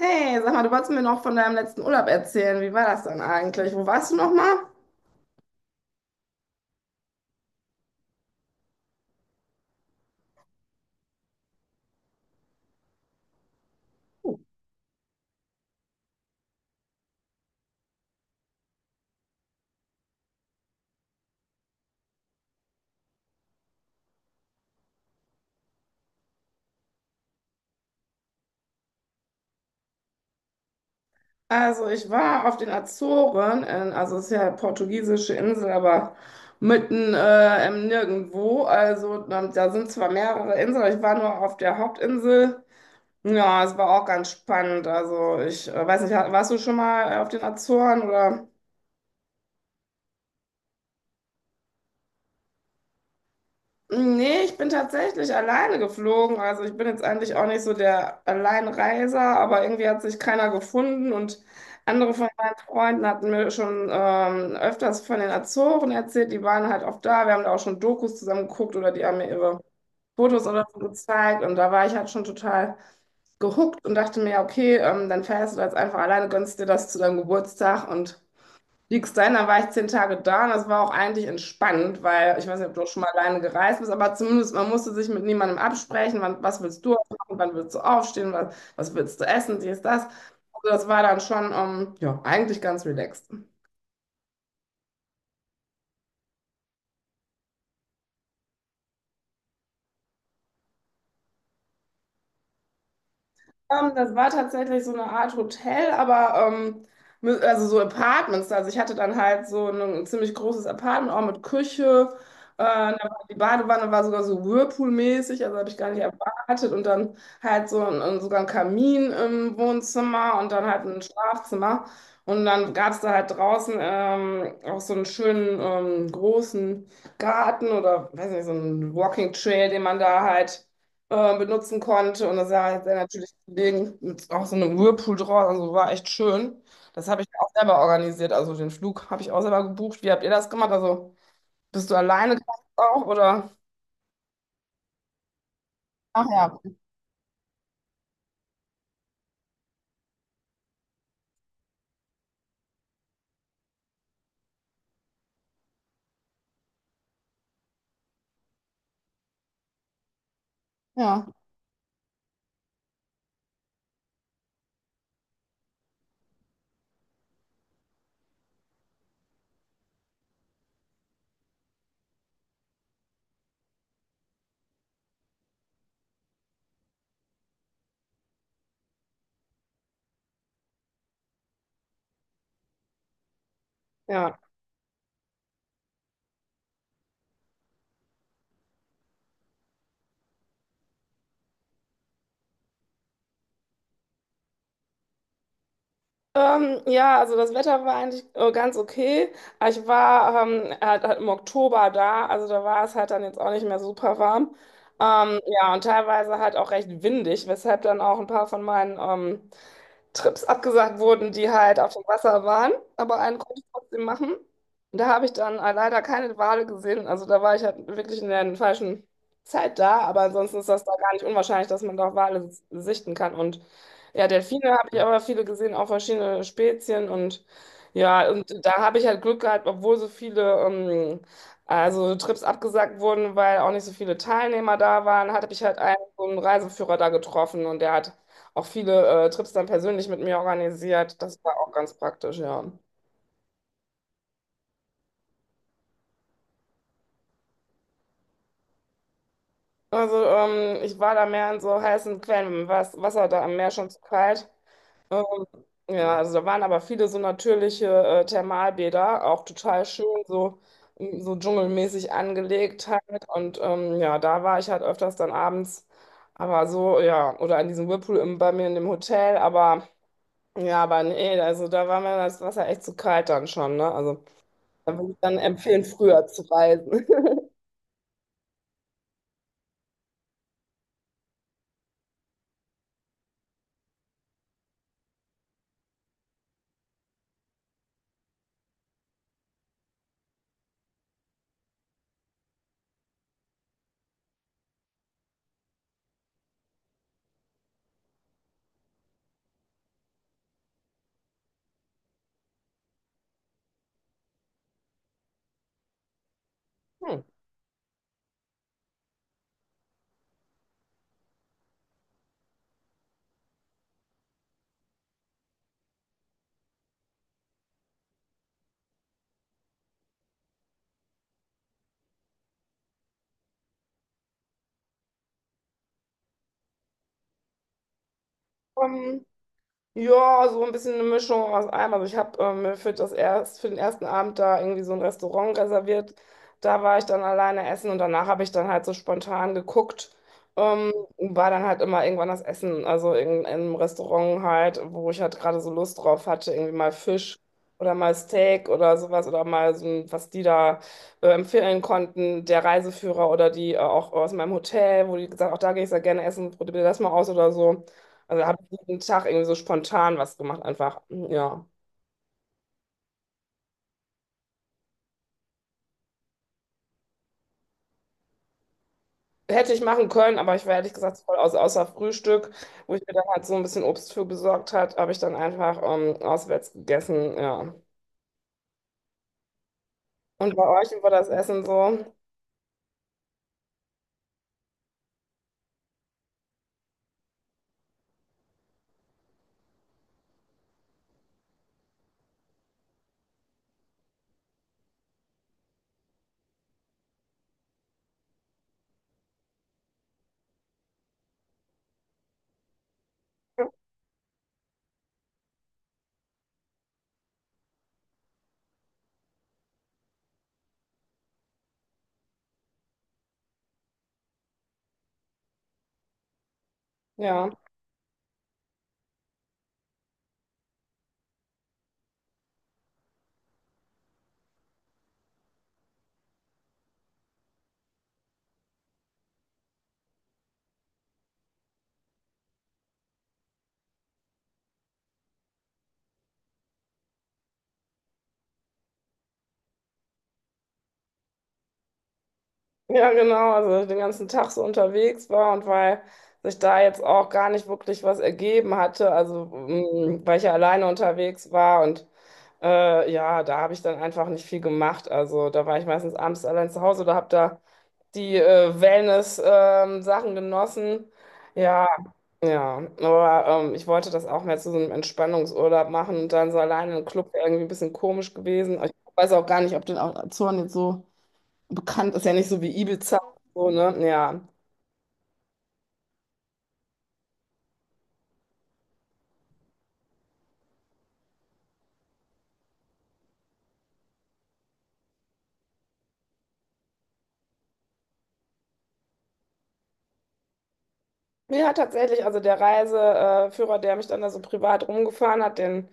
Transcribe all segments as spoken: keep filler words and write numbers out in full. Hey, sag mal, du wolltest mir noch von deinem letzten Urlaub erzählen. Wie war das dann eigentlich? Wo warst du nochmal? Also, ich war auf den Azoren, in, also es ist ja portugiesische Insel, aber mitten äh, im Nirgendwo. Also, ähm, da sind zwar mehrere Inseln, aber ich war nur auf der Hauptinsel. Ja, es war auch ganz spannend. Also, ich äh, weiß nicht, warst du schon mal auf den Azoren oder? Nee, ich bin tatsächlich alleine geflogen. Also ich bin jetzt eigentlich auch nicht so der Alleinreiser, aber irgendwie hat sich keiner gefunden und andere von meinen Freunden hatten mir schon ähm, öfters von den Azoren erzählt. Die waren halt oft da. Wir haben da auch schon Dokus zusammen geguckt oder die haben mir ihre Fotos oder so gezeigt und da war ich halt schon total gehuckt und dachte mir, ja, okay, ähm, dann fährst du jetzt einfach alleine, gönnst dir das zu deinem Geburtstag und Liechtenstein, da war ich zehn Tage da und das war auch eigentlich entspannt, weil ich weiß nicht, ob du auch schon mal alleine gereist bist, aber zumindest man musste sich mit niemandem absprechen, wann, was willst du machen, wann willst du aufstehen, was, was willst du essen, dies, das. Also das war dann schon, ähm, ja, eigentlich ganz relaxed. Ähm, das war tatsächlich so eine Art Hotel, aber ähm, mit- also so Apartments. Also ich hatte dann halt so ein, ein ziemlich großes Apartment, auch mit Küche. Äh, da war, die Badewanne war sogar so Whirlpool-mäßig, also habe ich gar nicht erwartet. Und dann halt so ein, ein, sogar ein Kamin im Wohnzimmer und dann halt ein Schlafzimmer. Und dann gab es da halt draußen ähm, auch so einen schönen ähm, großen Garten oder weiß nicht, so einen Walking Trail, den man da halt äh, benutzen konnte. Und das war sehr natürlich Kollegen mit auch so einem Whirlpool draus. Also war echt schön. Das habe ich auch selber organisiert. Also den Flug habe ich auch selber gebucht. Wie habt ihr das gemacht? Also bist du alleine gereist auch oder? Ach ja, ja, ja. Ähm, ja, also das Wetter war eigentlich äh, ganz okay. Aber Ich war ähm, halt, halt im Oktober da, also da war es halt dann jetzt auch nicht mehr super warm. Ähm, ja, und teilweise halt auch recht windig, weshalb dann auch ein paar von meinen ähm, Trips abgesagt wurden, die halt auf dem Wasser waren, aber einen konnte ich trotzdem machen. Und da habe ich dann äh, leider keine Wale gesehen. Also da war ich halt wirklich in der falschen Zeit da, aber ansonsten ist das da gar nicht unwahrscheinlich, dass man da Wale s- sichten kann. Und ja, Delfine habe ich aber viele gesehen, auch verschiedene Spezien und ja, und da habe ich halt Glück gehabt, obwohl so viele ähm, also Trips abgesagt wurden, weil auch nicht so viele Teilnehmer da waren, hatte ich halt einen, so einen Reiseführer da getroffen und der hat auch viele äh, Trips dann persönlich mit mir organisiert. Das war auch ganz praktisch, ja. Also ähm, ich war da mehr in so heißen Quellen, im Was- Wasser da am Meer schon zu kalt. Ähm, ja, also da waren aber viele so natürliche äh, Thermalbäder, auch total schön, so, mm, so dschungelmäßig angelegt halt. Und ähm, ja, da war ich halt öfters dann abends, aber so, ja, oder in diesem Whirlpool im, bei mir in dem Hotel, aber ja, aber nee, also da war mir das Wasser echt zu kalt dann schon, ne? Also. Da würde ich dann empfehlen, früher zu reisen. Hm. Ähm, Ja, so ein bisschen eine Mischung aus allem. Also ich habe äh, mir für das erst, für den ersten Abend da irgendwie so ein Restaurant reserviert. Da war ich dann alleine essen und danach habe ich dann halt so spontan geguckt. Ähm, und war dann halt immer irgendwann das Essen, also in, in einem Restaurant halt, wo ich halt gerade so Lust drauf hatte, irgendwie mal Fisch oder mal Steak oder sowas oder mal so ein, was die da äh, empfehlen konnten, der Reiseführer oder die äh, auch aus meinem Hotel, wo die gesagt, auch da gehe ich sehr gerne essen, probier das mal aus oder so. Also habe ich jeden Tag irgendwie so spontan was gemacht, einfach. Ja. Hätte ich machen können, aber ich war ehrlich gesagt voll aus, außer Frühstück, wo ich mir dann halt so ein bisschen Obst für besorgt hat, habe ich dann einfach ähm, auswärts gegessen. Ja. Und bei euch, wie war das Essen so? Ja, ja, genau. Also den ganzen Tag so unterwegs war und weil sich da jetzt auch gar nicht wirklich was ergeben hatte, also mm, weil ich ja alleine unterwegs war und Äh, ja, da habe ich dann einfach nicht viel gemacht. Also da war ich meistens abends allein zu Hause oder habe da die äh, Wellness-Sachen genossen. Ja, ja. Aber ähm, ich wollte das auch mehr zu so einem Entspannungsurlaub machen und dann so alleine im Club wäre irgendwie ein bisschen komisch gewesen. Ich weiß auch gar nicht, ob den Azoren jetzt so bekannt ist, ja nicht so wie Ibiza. So, ne? Ja. Ja, tatsächlich. Also der Reiseführer, der mich dann da so privat rumgefahren hat, den.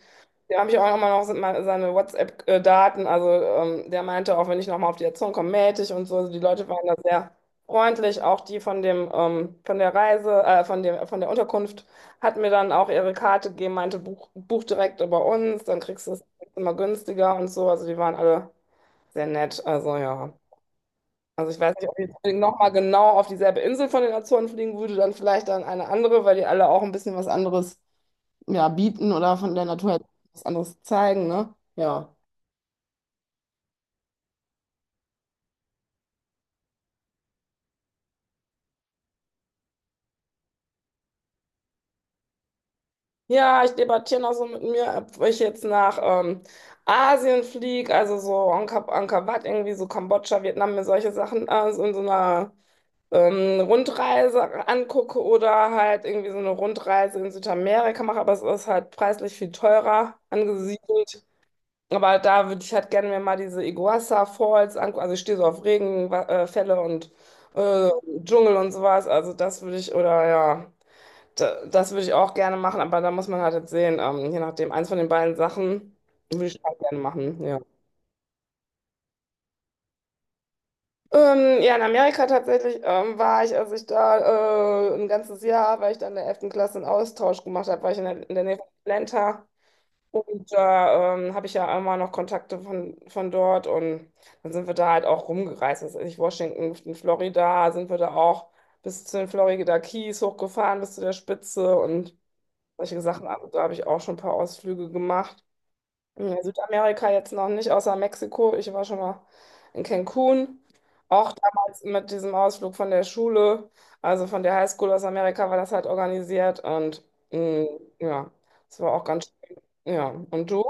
Da habe ich auch immer noch se- mal seine WhatsApp-Daten. Also ähm, der meinte auch, wenn ich nochmal auf die Erziehung komme, melde ich und so. Also die Leute waren da sehr freundlich. Auch die von dem, ähm, von der Reise, äh, von dem, von der Unterkunft hat mir dann auch ihre Karte gegeben, meinte, buch, buch direkt über uns, dann kriegst du es immer günstiger und so. Also die waren alle sehr nett. Also ja. Also ich weiß nicht, ob ich jetzt unbedingt nochmal genau auf dieselbe Insel von den Azoren fliegen würde, dann vielleicht dann eine andere, weil die alle auch ein bisschen was anderes ja, bieten oder von der Natur halt was anderes zeigen, ne? Ja. Ja, ich debattiere noch so mit mir, ob ich jetzt nach ähm, Asien fliege, also so Angkor, Angkor Wat, irgendwie so Kambodscha, Vietnam, mir solche Sachen äh, so in so einer ähm, Rundreise angucke oder halt irgendwie so eine Rundreise in Südamerika mache, aber es ist halt preislich viel teurer angesiedelt. Aber da würde ich halt gerne mir mal diese Iguazu Falls angucken. Also ich stehe so auf Regenfälle und äh, Dschungel und sowas. Also das würde ich, oder ja, da, das würde ich auch gerne machen. Aber da muss man halt jetzt sehen, ähm, je nachdem, eins von den beiden Sachen würde ich halt gerne machen, ja. Ähm, ja, in Amerika tatsächlich ähm, war ich, als ich da äh, ein ganzes Jahr, weil ich da in der elften Klasse einen Austausch gemacht habe, war ich in der, in der Nähe von Atlanta. Und da ähm, habe ich ja immer noch Kontakte von, von dort und dann sind wir da halt auch rumgereist. Das ist nicht Washington, in Florida sind wir da auch bis zu den Florida Keys hochgefahren, bis zu der Spitze und solche Sachen. Also da habe ich auch schon ein paar Ausflüge gemacht. Hm, in Südamerika jetzt noch nicht, außer Mexiko. Ich war schon mal in Cancun. Auch damals mit diesem Ausflug von der Schule, also von der Highschool aus Amerika war das halt organisiert und mh, ja, das war auch ganz, schön. Ja. Und du?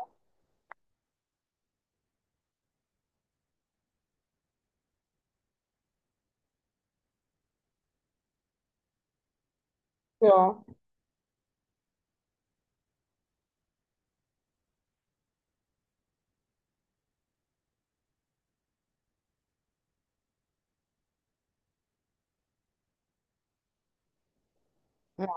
Ja, ja,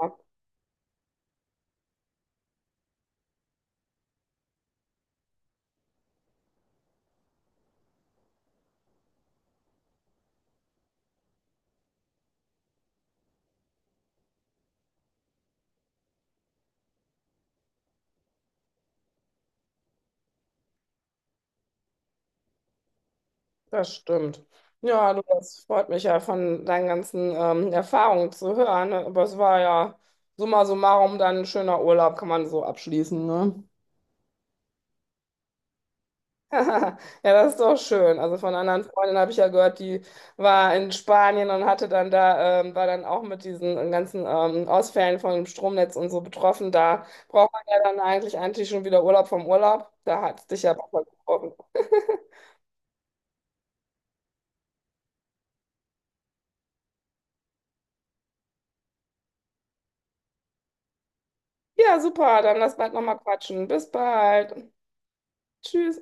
das stimmt. Ja, du, das freut mich ja von deinen ganzen ähm, Erfahrungen zu hören. Ne? Aber es war ja summa summarum dann ein schöner Urlaub, kann man so abschließen, ne? Ja, das ist doch schön. Also von anderen Freundinnen habe ich ja gehört, die war in Spanien und hatte dann da, ähm, war dann auch mit diesen ganzen ähm, Ausfällen von dem Stromnetz und so betroffen. Da braucht man ja dann eigentlich eigentlich schon wieder Urlaub vom Urlaub. Da hat es dich ja auch mal getroffen. Ja, super. Dann lass bald nochmal quatschen. Bis bald. Tschüss.